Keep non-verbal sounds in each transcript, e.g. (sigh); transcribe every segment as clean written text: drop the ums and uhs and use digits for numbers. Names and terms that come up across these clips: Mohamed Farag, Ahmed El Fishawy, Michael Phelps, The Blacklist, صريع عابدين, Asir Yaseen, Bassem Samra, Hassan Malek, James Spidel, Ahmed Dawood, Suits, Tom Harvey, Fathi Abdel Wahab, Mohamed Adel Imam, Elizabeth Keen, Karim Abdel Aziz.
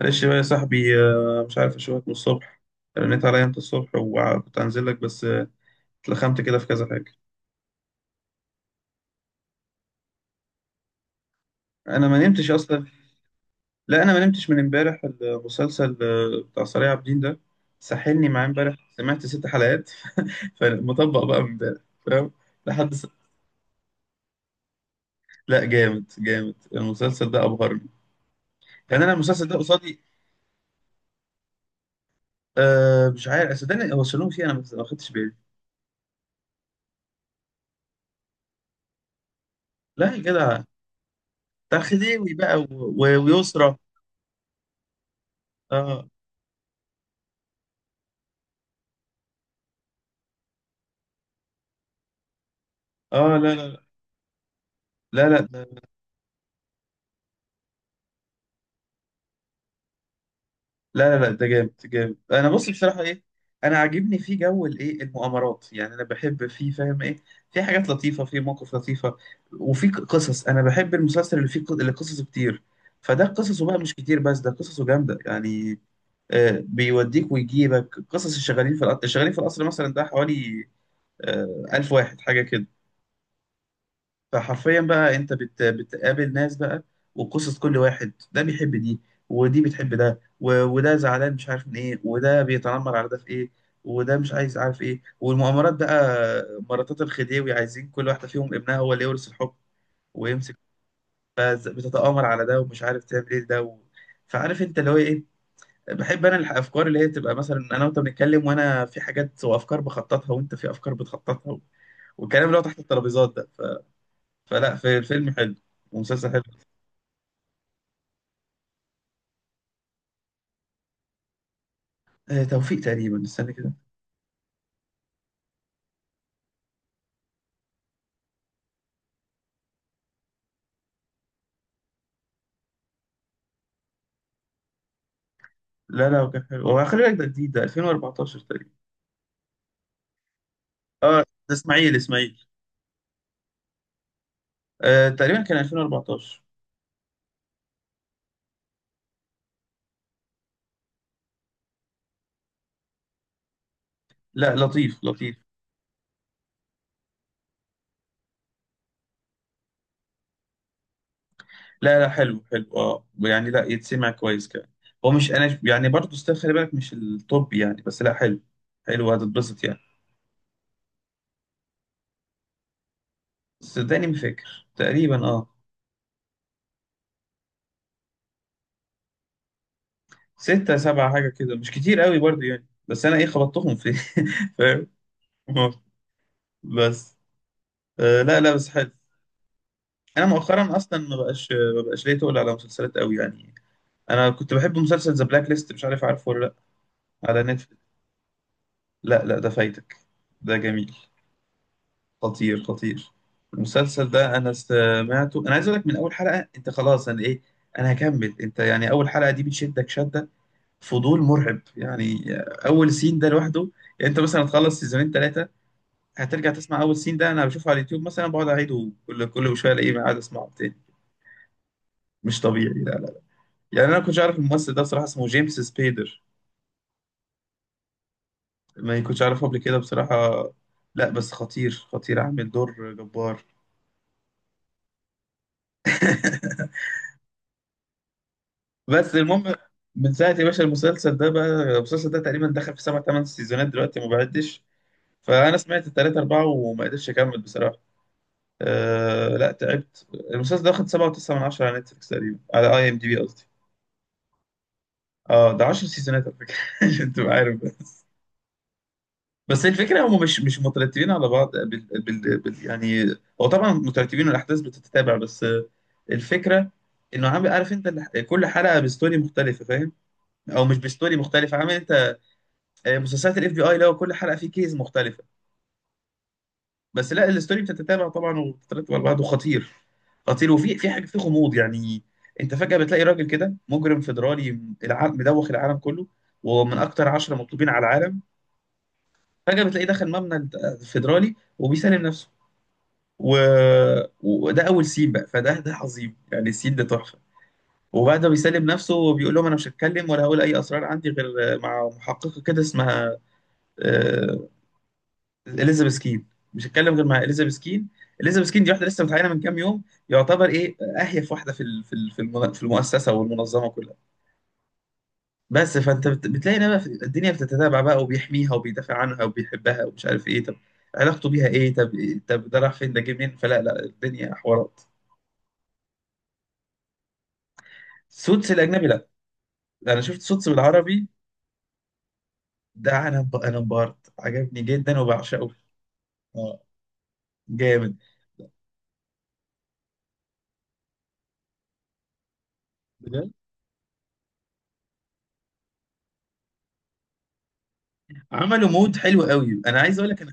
معلش بقى يا صاحبي، مش عارف اشوفك من الصبح. رنيت عليا انت الصبح وكنت هنزل لك بس اتلخمت كده في كذا حاجه. انا ما نمتش اصلا. لا انا ما نمتش من امبارح، المسلسل بتاع صريع عابدين ده ساحلني معاه امبارح، سمعت 6 حلقات. (laughs) فمطبق بقى من امبارح، فاهم؟ لحد س... لا، جامد جامد، المسلسل ده ابهرني. يعني انا المسلسل ده قصادي. أه، مش عارف صدقني، هو شالوه فيه، انا ما خدتش بالي. لا يا جدع. بتاع خديوي بقى ويسرى. اه، اه، لا، لا، لا، لا، لا، لا، لا، لا، ده جامد جامد، انا بص بصراحه ايه. انا عاجبني فيه جو الايه المغامرات يعني، انا بحب فيه، فاهم ايه. في حاجات لطيفه، في مواقف لطيفه. وفي قصص، انا بحب المسلسل اللي فيه اللي قصصه كتير. فده قصصه بقى مش كتير، بس ده قصصه جامده يعني. آه، بيوديك ويجيبك قصص الشغالين في القصر، الشغالين في القصر مثلا ده حوالي 1000 واحد حاجه كده. فحرفيا بقى، انت بتقابل ناس بقى، وقصص كل واحد، ده بيحب دي، ودي بتحب ده، وده زعلان مش عارف من ايه، وده بيتنمر على ده في ايه، وده مش عايز، عارف ايه، والمؤامرات بقى. مراتات الخديوي عايزين كل واحدة فيهم ابنها هو اللي يورث الحكم ويمسك بقى، بتتآمر على ده ومش عارف تعمل ايه ده فعارف انت اللي هو ايه. بحب انا الافكار اللي هي تبقى مثلا انا وانت بنتكلم، وانا في حاجات وافكار بخططها، وانت في افكار بتخططها، والكلام اللي هو تحت الترابيزات ده. فلا، في فيلم حلو ومسلسل حلو. آه، توفيق تقريبا، استنى كده. لا، لا، هو كان حلو، هو خلي بالك ده جديد، ده 2014 تقريبا. اه، ده اسماعيل، اسماعيل. آه، تقريبا كان 2014. لا، لطيف لطيف. لا، لا، حلو حلو، اه يعني لا يتسمع كويس كمان. هو مش انا يعني برضه ستيل، خلي بالك مش التوب يعني، بس لا حلو، حلو، هتتبسط يعني. صدقني ما فاكر تقريبا، اه. 6 7 حاجة كده، مش كتير قوي برضه يعني، بس انا ايه خبطتهم في. (laughs) فاهم؟ بس لا، لا، بس حلو. انا مؤخرا اصلا ما بقاش، ما بقاش ليا تقول على مسلسلات قوي يعني. انا كنت بحب مسلسل ذا بلاك ليست، مش عارف عارفه ولا لا؟ على نتفلكس. لا، لا، ده فايتك، ده جميل، خطير خطير. المسلسل ده انا سمعته، انا عايز اقول لك، من اول حلقه انت خلاص، انا ايه، انا هكمل، انت يعني اول حلقه دي بتشدك شده، فضول مرعب يعني. اول سين ده لوحده، يعني انت مثلا تخلص سيزونين ثلاثه، هترجع تسمع اول سين ده، انا بشوفه على اليوتيوب مثلا بقعد اعيده كل شويه الاقيه قاعد اسمعه تاني. مش طبيعي. يعني انا كنتش عارف الممثل ده بصراحه، اسمه جيمس سبيدر، ما كنتش عارفه قبل كده بصراحه. لا بس خطير خطير، عامل دور جبار. (laughs) بس المهم، من ساعه يا باشا المسلسل ده بقى، المسلسل ده تقريبا دخل في سبع ثمان سيزونات دلوقتي ما بعدش. فانا سمعت ال 3 4 وما قدرتش اكمل بصراحه. أه، لا تعبت، المسلسل ده واخد 7.9 من 10 على نتفليكس تقريبا، على اي ام دي بي قصدي. اه، ده 10 سيزونات على فكره. (laughs) عشان تبقى عارف. بس الفكره هم مش مترتبين على بعض بال يعني، هو طبعا مترتبين والاحداث بتتتابع، بس الفكره انه عامل عارف انت كل حلقه بستوري مختلفه، فاهم؟ او مش بستوري مختلفه، عامل انت مسلسلات الاف بي اي لو كل حلقه فيه كيس مختلفه. بس لا الستوري بتتتابع طبعا وبتترتب على بعض، وخطير خطير، وفي حاجه في غموض يعني. انت فجاه بتلاقي راجل كده مجرم فيدرالي، العالم مدوخ العالم كله، ومن اكتر 10 مطلوبين على العالم. فجاه بتلاقيه دخل مبنى فيدرالي وبيسلم نفسه. و... وده اول سين بقى، فده عظيم يعني، السين ده تحفه. وبعد ما بيسلم نفسه وبيقول لهم انا مش هتكلم ولا هقول اي اسرار عندي غير مع محققه كده، اسمها آه، اليزابيث كين، مش هتكلم غير مع اليزابيث كين. اليزابيث كين دي واحده لسه متعينه من كام يوم، يعتبر ايه اهيف واحده في ال- في ال- في المن- في المؤسسه والمنظمه كلها. بس فانت بتلاقي إن بقى الدنيا بتتتابع بقى وبيحميها وبيدافع عنها وبيحبها ومش عارف ايه، طب علاقته بيها ايه؟ طب، طب ده راح فين؟ ده جه منين؟ فلا لا، الدنيا حوارات. سوتس الاجنبي. انا شفت صوتي بالعربي. ده انا انبهرت، عجبني جدا وبعشقه. اه، جامد بجد، عملوا مود حلو قوي، انا عايز اقول لك انا.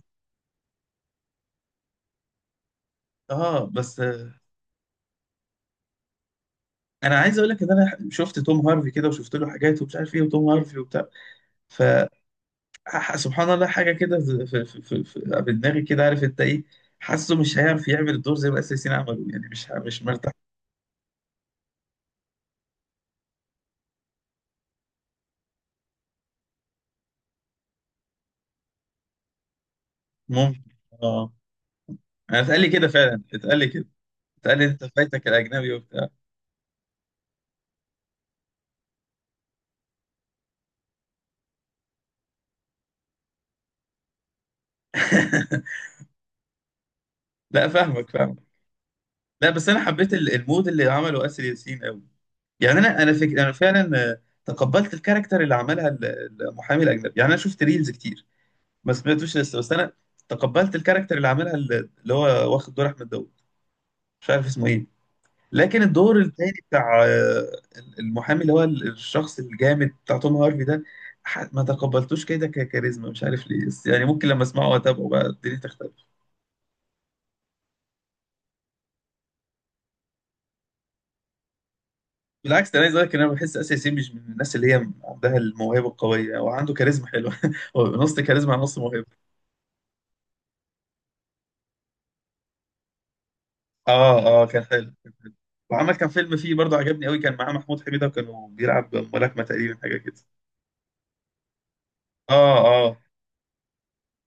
اه بس انا عايز اقول لك ان انا شفت توم هارفي كده وشفت له حاجات ومش عارف ايه، وتوم هارفي وبتاع. ف سبحان الله حاجه كده في دماغي كده، عارف انت ايه، حاسه مش هيعرف يعمل الدور زي ما الاساسيين عملوا يعني، مش مرتاح. ممكن، اه، انا اتقال لي كده فعلا، اتقال لي كده، اتقال لي انت فايتك الاجنبي وبتاع. (laughs) لا، فاهمك فاهمك. لا، بس انا حبيت المود اللي عمله اسر ياسين قوي. يعني انا فعلا تقبلت الكاركتر اللي عملها المحامي الاجنبي، يعني انا شفت ريلز كتير، ما سمعتوش لسه، بس انا تقبلت الكاركتر اللي عملها اللي هو واخد دور احمد داوود، مش عارف اسمه ايه. لكن الدور التاني بتاع المحامي اللي هو الشخص الجامد بتاع توم هارفي ده، ما تقبلتوش كده ككاريزما، مش عارف ليه، بس يعني ممكن لما اسمعه واتابعه بقى الدنيا تختلف. بالعكس، ده انا عايز اقول لك ان انا بحس اسيا ياسين مش من الناس اللي هي عندها الموهبه القويه، هو عنده كاريزما حلوه (laughs) هو نص كاريزما على نص موهبه. اه اه، كان حلو كان حلو. وعمل كان فيلم فيه برضه عجبني قوي، كان معاه محمود حميده وكانوا بيلعب ملاكمه تقريبا حاجه كده. اه، اه،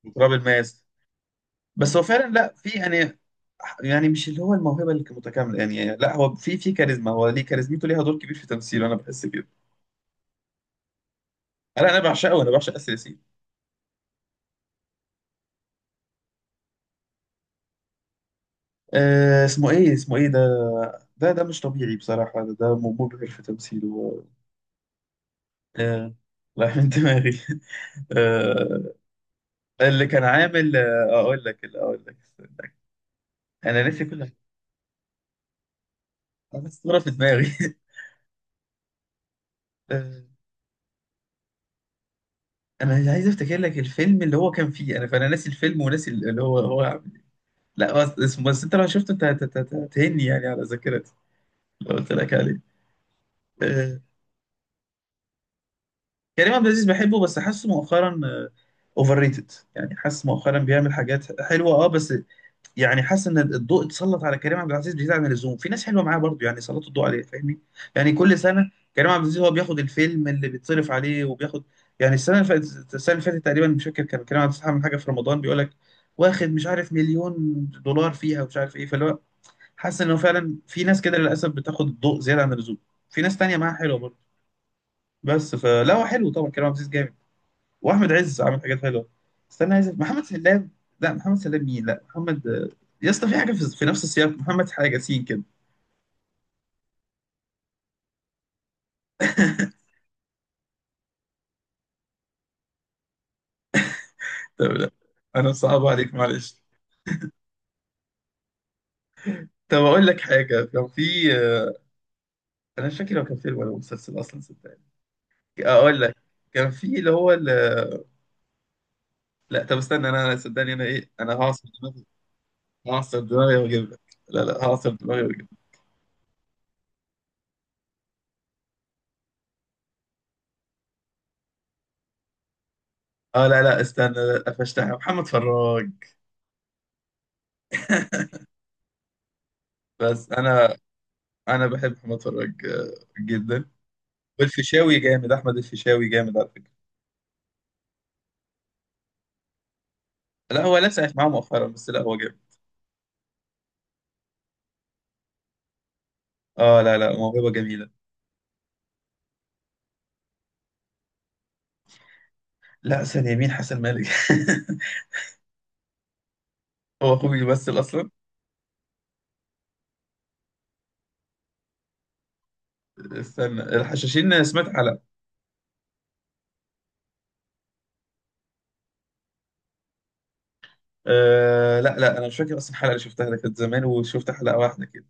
وتراب الماس. بس هو فعلا لا في يعني، يعني مش اللي هو الموهبه اللي متكامله يعني، لا هو في كاريزما، هو ليه كاريزمته ليها دور كبير في تمثيله، انا بحس كده. لا انا بعشقه، انا بعشق اسيا ياسين. اسمه ايه؟ اسمه ايه ده؟ ده مش طبيعي بصراحة، مبهر في تمثيله. آه، راح من دماغي. (laughs) آه، اللي كان عامل اقول لك استنى. انا ناسي كل حاجة. انا الصورة في دماغي. (laughs) آه، انا عايز افتكر لك الفيلم اللي هو كان فيه انا، فانا ناسي الفيلم وناسي اللي هو عامل إيه. لا بس اسمه، بس انت لو شفته انت هتهني يعني على ذاكرتي لو قلت لك عليه. آه، كريم عبد العزيز بحبه، بس حاسه مؤخرا اوفر ريتد يعني، حاسس مؤخرا بيعمل حاجات حلوه اه، بس يعني حاسس ان الضوء اتسلط على كريم عبد العزيز بزياده عن اللزوم، في ناس حلوه معاه برضه يعني سلطوا الضوء عليه، فاهمني؟ يعني كل سنه كريم عبد العزيز هو بياخد الفيلم اللي بيتصرف عليه وبياخد يعني، السنه اللي فاتت تقريبا مش فاكر، كان كريم عبد العزيز عامل حاجه في رمضان بيقول لك واخد مش عارف مليون دولار فيها ومش عارف ايه، فاللي هو حاسس انه فعلا في ناس كده للاسف بتاخد الضوء زياده عن اللزوم، في ناس تانية معاها حلوه برضه. بس فلا هو حلو طبعا، كريم عبد العزيز جامد، واحمد عز عامل حاجات حلوه. استنى عايز، محمد سلام. لا، محمد سلام مين؟ لا، محمد يا اسطى في حاجه، في نفس السياق محمد حاجه سين كده. طب لا، انا صعب عليك معلش. طب اقول لك حاجه، كان في انا مش فاكر هو كان فيلم ولا مسلسل اصلا صدقني، اقول لك، كان في اللي هو لا طب استنى، انا صدقني انا ايه، انا هعصر دماغي، هعصر دماغي واجيب لك، لا لا، هعصر دماغي واجيب لك. اه لا لا استنى، لا قفشتها، محمد فراج. بس انا، انا بحب محمد فراج جدا. والفيشاوي جامد، احمد الفيشاوي جامد على فكره. لا هو لسه معاه مؤخرا بس، لا هو جامد. اه، لا لا، موهبه جميله. لا ثانيه، مين حسن مالك؟ (laughs) هو اخوه بيمثل اصلا؟ استنى، الحشاشين سمعت حلقه. آه، لا لا، انا مش فاكر اصلا، الحلقه اللي شفتها ده كانت زمان وشفت حلقه واحده كده،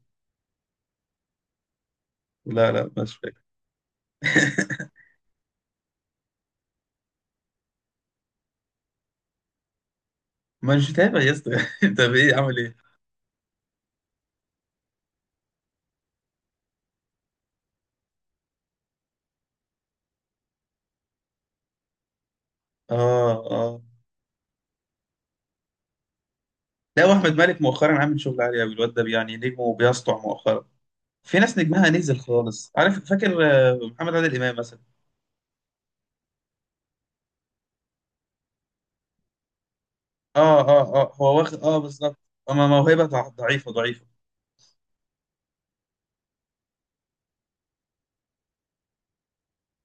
لا لا مش فاكر. (laughs) ما مش متابع يا اسطى. (laughs) طب ايه، عامل ايه؟ اه اه، لا، واحمد مالك مؤخرا عامل شغل عالي قوي، الواد ده يعني نجمه بيسطع مؤخرا. في ناس نجمها نزل خالص، عارف، فاكر محمد عادل امام مثلا. اه اه اه، هو واخد اه بالظبط، اما موهبه ضعيفه ضعيفه.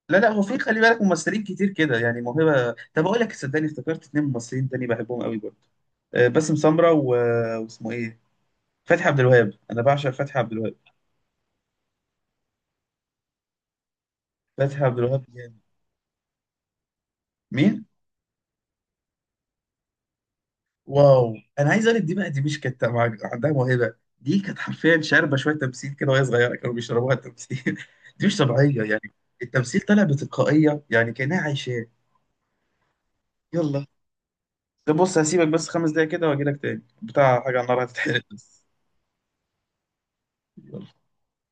لا لا هو في خلي بالك ممثلين كتير كده يعني موهبه. طب اقول لك صدقني، افتكرت اتنين ممثلين تاني بحبهم قوي برضه. باسم سمرة واسمه ايه، فتحي عبد الوهاب، انا بعشق فتحي عبد الوهاب، فتحي عبد الوهاب جامد. مين؟ واو، انا عايز اقول لك، دي بقى، دي مش كانت عندها موهبه، دي كانت حرفيا شاربه شويه تمثيل كده وهي صغيره، كانوا بيشربوها التمثيل. (laughs) دي مش طبيعيه يعني، التمثيل طالع بتلقائيه يعني كانها عايشاه. يلا، ده بص هسيبك بس 5 دقايق كده واجي لك تاني، بتاع حاجة على النار هتتحرق بس. يلا.